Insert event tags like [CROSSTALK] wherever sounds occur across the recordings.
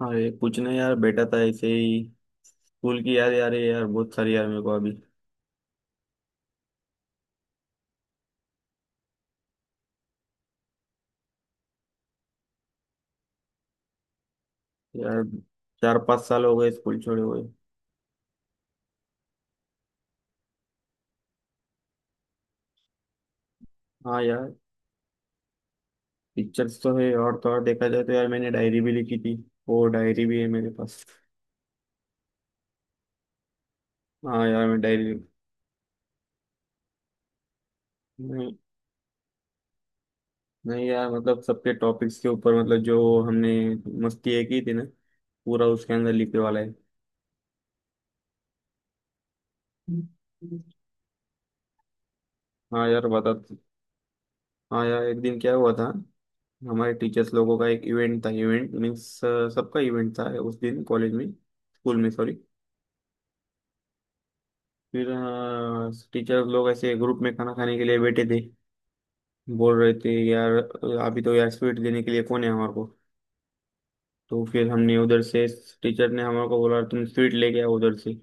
अरे कुछ नहीं यार बैठा था ऐसे ही। स्कूल की याद यार है यार बहुत सारी यार मेरे को अभी। यार चार पाँच साल हो गए स्कूल छोड़े हुए। हाँ यार पिक्चर्स तो है और तो और देखा जाए तो यार मैंने डायरी भी लिखी थी। वो डायरी भी है मेरे पास। हाँ यार मैं डायरी। नहीं नहीं यार मतलब सबके टॉपिक्स के ऊपर मतलब जो हमने मस्ती है की थी ना पूरा उसके अंदर लिखने वाला है। हाँ यार बता तो। हाँ यार एक दिन क्या हुआ था। हमारे टीचर्स लोगों का एक इवेंट था, इवेंट मीन्स सबका इवेंट था उस दिन कॉलेज में, स्कूल में सॉरी। फिर टीचर्स लोग ऐसे ग्रुप में खाना खाने के लिए बैठे थे, बोल रहे थे यार अभी तो यार स्वीट देने के लिए कौन है हमारे को। तो फिर हमने उधर से, टीचर ने हमारे को बोला तुम स्वीट लेके आओ उधर से।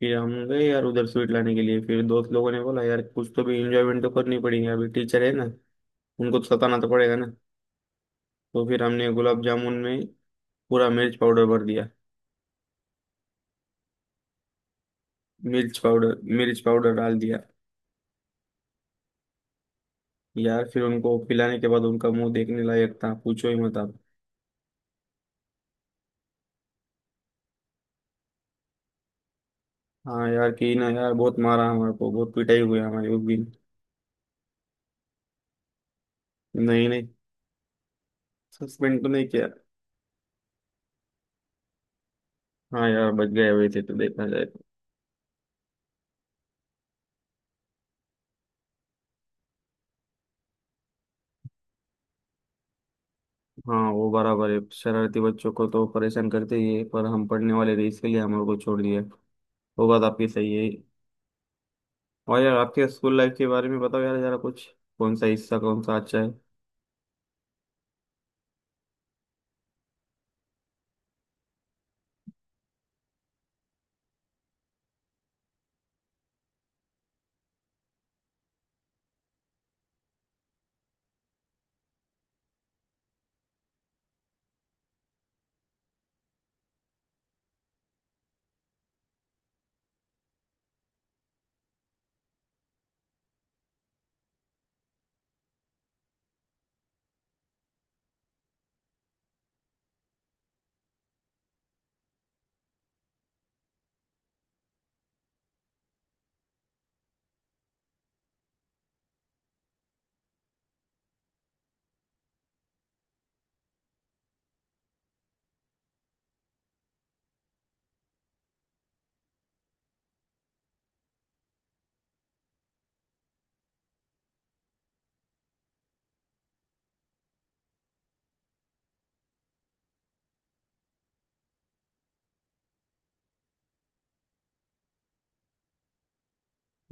फिर हम गए यार उधर स्वीट लाने के लिए, फिर दोस्त लोगों ने बोला यार कुछ तो भी इंजॉयमेंट तो करनी पड़ेगी, अभी टीचर है ना उनको तो सताना तो पड़ेगा ना। तो फिर हमने गुलाब जामुन में पूरा मिर्च पाउडर भर दिया। मिर्च पाउडर, मिर्च पाउडर डाल दिया। यार फिर उनको पिलाने के बाद उनका मुंह देखने लायक था, पूछो ही मत आप। हाँ यार कि ना यार, बहुत मारा हमारे को, बहुत पिटाई हुई हमारी उस दिन। नहीं नहीं, सस्पेंड तो नहीं किया। हाँ यार बच गए हुए थे तो देखा जाए तो। हाँ वो बराबर है, शरारती बच्चों को तो परेशान करते ही है पर हम पढ़ने वाले थे इसके लिए हमारे को छोड़ दिया, वो बात आपकी सही है। और यार आपके स्कूल लाइफ के बारे में बताओ यार जरा कुछ, कौन सा हिस्सा कौन सा अच्छा है।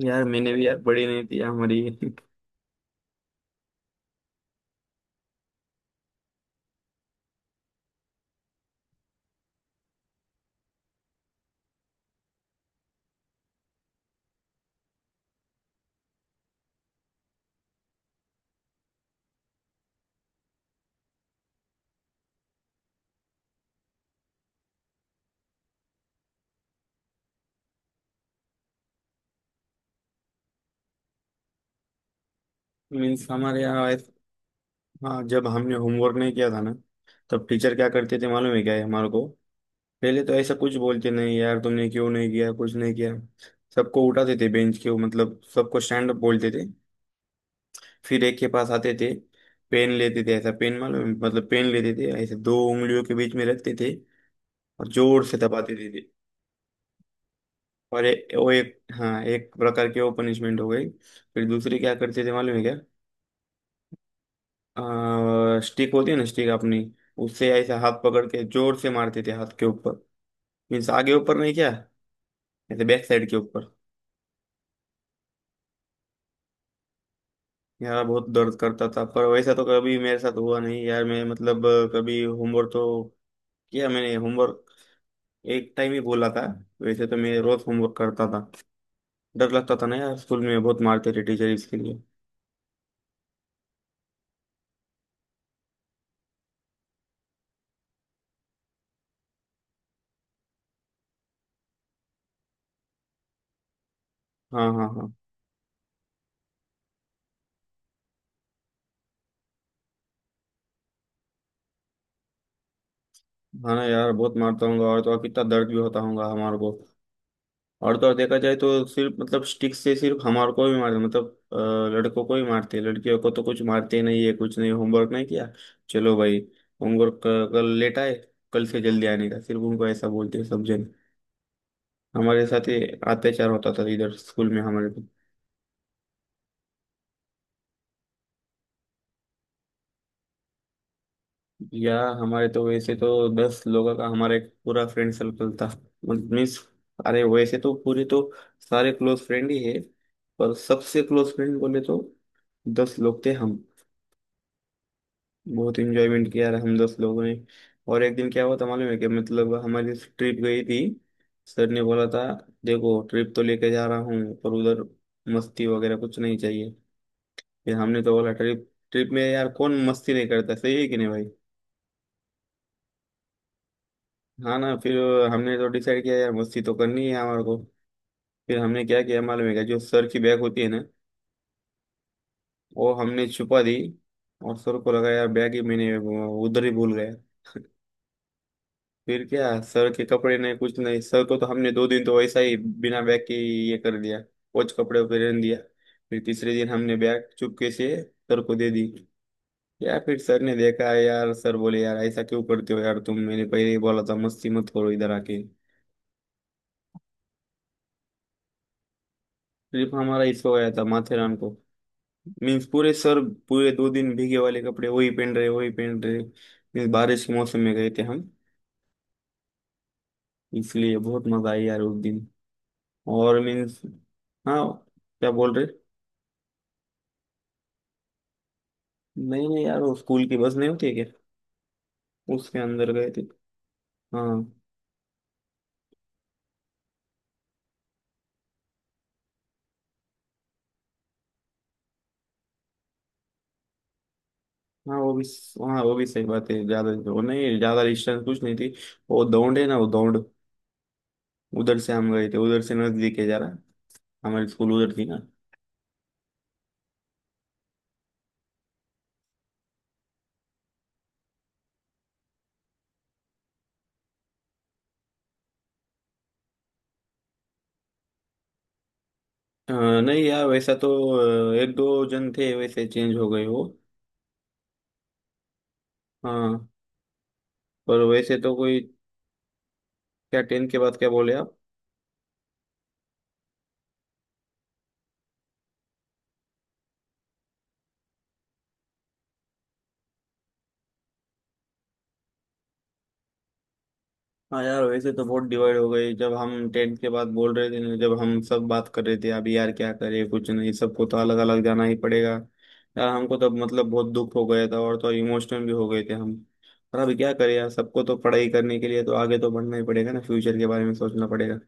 यार मैंने भी यार पढ़ी नहीं थी यार हमारी [LAUGHS] मीन्स हमारे यहाँ, हाँ जब हमने होमवर्क नहीं किया था ना तब टीचर क्या करते थे मालूम है क्या है हमारे को। पहले तो ऐसा कुछ बोलते नहीं यार, तुमने क्यों नहीं किया कुछ नहीं किया। सबको उठाते थे बेंच के, मतलब सबको स्टैंड अप बोलते थे। फिर एक के पास आते थे, पेन लेते थे। ऐसा पेन मालूम है? मतलब पेन लेते थे ऐसे दो उंगलियों के बीच में रखते थे और जोर से दबाते थे। और वो एक हाँ एक प्रकार की वो पनिशमेंट हो गई। फिर दूसरी क्या करते थे मालूम है क्या। स्टिक होती है ना, स्टिक अपनी। उससे ऐसे हाथ पकड़ के जोर से मारते थे हाथ के ऊपर। मीन्स आगे ऊपर नहीं क्या, ऐसे बैक साइड के ऊपर। यार बहुत दर्द करता था पर वैसा तो कभी मेरे साथ हुआ नहीं यार, मैं मतलब कभी होमवर्क तो किया मैंने होमवर्क। एक टाइम ही बोला था, वैसे तो मैं रोज होमवर्क करता था। डर लगता था ना यार, स्कूल में बहुत मारते थे टीचर इसके लिए। हाँ हाँ हाँ। हाँ ना यार, बहुत मारता हूँगा और तो और कितना दर्द भी होता होगा हमारे को। और तो और देखा जाए तो सिर्फ मतलब स्टिक से सिर्फ हमारे को भी मारते मतलब अ, लड़कों को ही मारते हैं, लड़कियों को तो कुछ मारते ही नहीं है, कुछ नहीं होमवर्क नहीं किया चलो भाई, होमवर्क कल लेट आए कल से जल्दी आने का, सिर्फ उनको ऐसा बोलते हैं सब जन। हमारे साथ ही अत्याचार होता था इधर स्कूल में हमारे को। या हमारे तो वैसे तो दस लोगों का हमारा एक पूरा फ्रेंड सर्कल था, मीन्स अरे वैसे तो पूरे तो सारे क्लोज फ्रेंड ही है, पर सबसे क्लोज फ्रेंड बोले तो दस लोग थे हम। बहुत इंजॉयमेंट किया यार हम दस लोगों ने। और एक दिन क्या हुआ था मालूम है, कि मतलब हमारी ट्रिप गई थी। सर ने बोला था, देखो ट्रिप तो लेके जा रहा हूँ पर उधर मस्ती वगैरह कुछ नहीं चाहिए। फिर हमने तो बोला ट्रिप ट्रिप में यार कौन मस्ती नहीं करता, सही है कि नहीं भाई। हाँ ना, फिर हमने तो डिसाइड किया यार मस्ती तो करनी है हमारे को। फिर हमने क्या किया मालूम है क्या, जो सर की बैग होती है ना वो हमने छुपा दी। और सर को लगा यार बैग ही मैंने वो उधर ही भूल गया। फिर क्या सर के कपड़े नहीं कुछ नहीं, सर को तो हमने दो दिन तो वैसा ही बिना बैग के ही ये कर दिया, कोच कपड़े पहन दिया। फिर तीसरे दिन हमने बैग चुपके से सर को दे दी। या फिर सर ने देखा यार, सर बोले यार ऐसा क्यों करते हो यार तुम, मैंने पहले ही बोला था मस्ती मत करो इधर आके। सिर्फ हमारा इसको आया था माथेरान को। मीन्स पूरे सर पूरे दो दिन भीगे वाले कपड़े वही पहन रहे वही पहन रहे। मीन्स बारिश के मौसम में गए थे हम, इसलिए बहुत मजा आई यार उस दिन। और मीन्स, हाँ क्या बोल रहे। नहीं नहीं यार वो स्कूल की बस नहीं होती है क्या, उसके अंदर गए थे। हाँ। हाँ वो भी, हाँ वो भी सही बात है, ज्यादा वो नहीं, ज्यादा डिस्टेंस कुछ नहीं थी। वो दौड़ है ना वो दौड़। उधर से हम गए थे, उधर से नजदीक है जरा, हमारी स्कूल उधर थी ना। अ, नहीं यार वैसा तो, एक दो जन थे वैसे चेंज हो गए वो। हाँ पर वैसे तो कोई। क्या टेंथ के बाद क्या बोले आप। हाँ यार वैसे तो बहुत डिवाइड हो गई जब हम टेंथ के बाद बोल रहे थे ना, जब हम सब बात कर रहे थे अभी यार क्या करें कुछ नहीं, सबको तो अलग अलग जाना ही पड़ेगा। यार हमको तब मतलब बहुत दुख हो गया था और तो इमोशनल भी हो गए थे हम। पर अभी क्या करें यार, सबको तो पढ़ाई करने के लिए तो आगे तो बढ़ना ही पड़ेगा ना, फ्यूचर के बारे में सोचना पड़ेगा।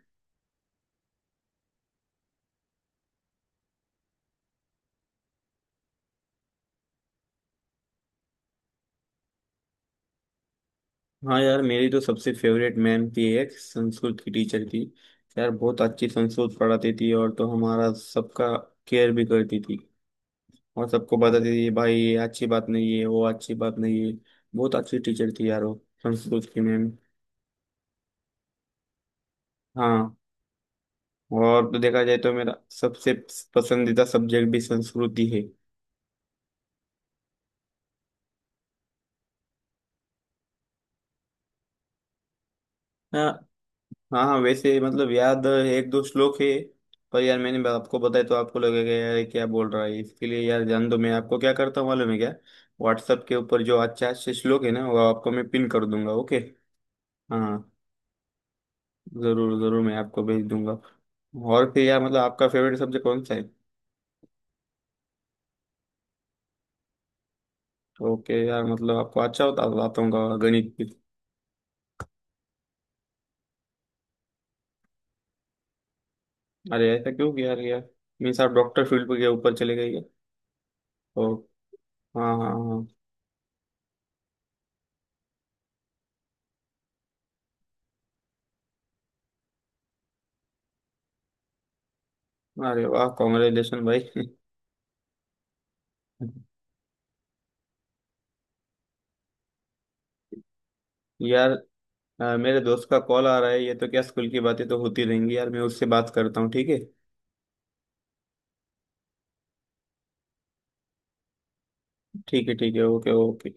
हाँ यार मेरी तो सबसे फेवरेट मैम थी, एक संस्कृत की टीचर थी। यार बहुत अच्छी संस्कृत पढ़ाती थी और तो हमारा सबका केयर भी करती थी, और सबको बताती थी भाई ये अच्छी बात नहीं है वो अच्छी बात नहीं है। बहुत अच्छी टीचर थी यार वो, संस्कृत की मैम। हाँ। और तो देखा जाए तो मेरा सबसे पसंदीदा सब्जेक्ट भी संस्कृत ही है। हाँ हाँ हाँ, वैसे मतलब याद एक दो श्लोक है। पर यार मैंने आपको बताया तो आपको लगेगा यार ये क्या बोल रहा है इसके लिए यार, जान दो, मैं आपको क्या करता हूँ मालूम है क्या। व्हाट्सएप के ऊपर जो अच्छा अच्छे श्लोक है ना वो आपको मैं पिन कर दूंगा ओके। हाँ जरूर जरूर मैं आपको भेज दूंगा। और फिर यार मतलब आपका फेवरेट सब्जेक्ट कौन सा है। ओके यार मतलब आपको अच्छा होता आता होगा गणित भी। अरे ऐसा क्यों किया अरे यार। मीन्स आप डॉक्टर फील्ड पे के ऊपर चले गए क्या? ओ हाँ हाँ हाँ। अरे वाह कॉन्ग्रेचुलेशन भाई [LAUGHS] यार मेरे दोस्त का कॉल आ रहा है, ये तो क्या स्कूल की बातें तो होती रहेंगी यार, मैं उससे बात करता हूँ ठीक है। ठीक है ठीक है ओके ओके।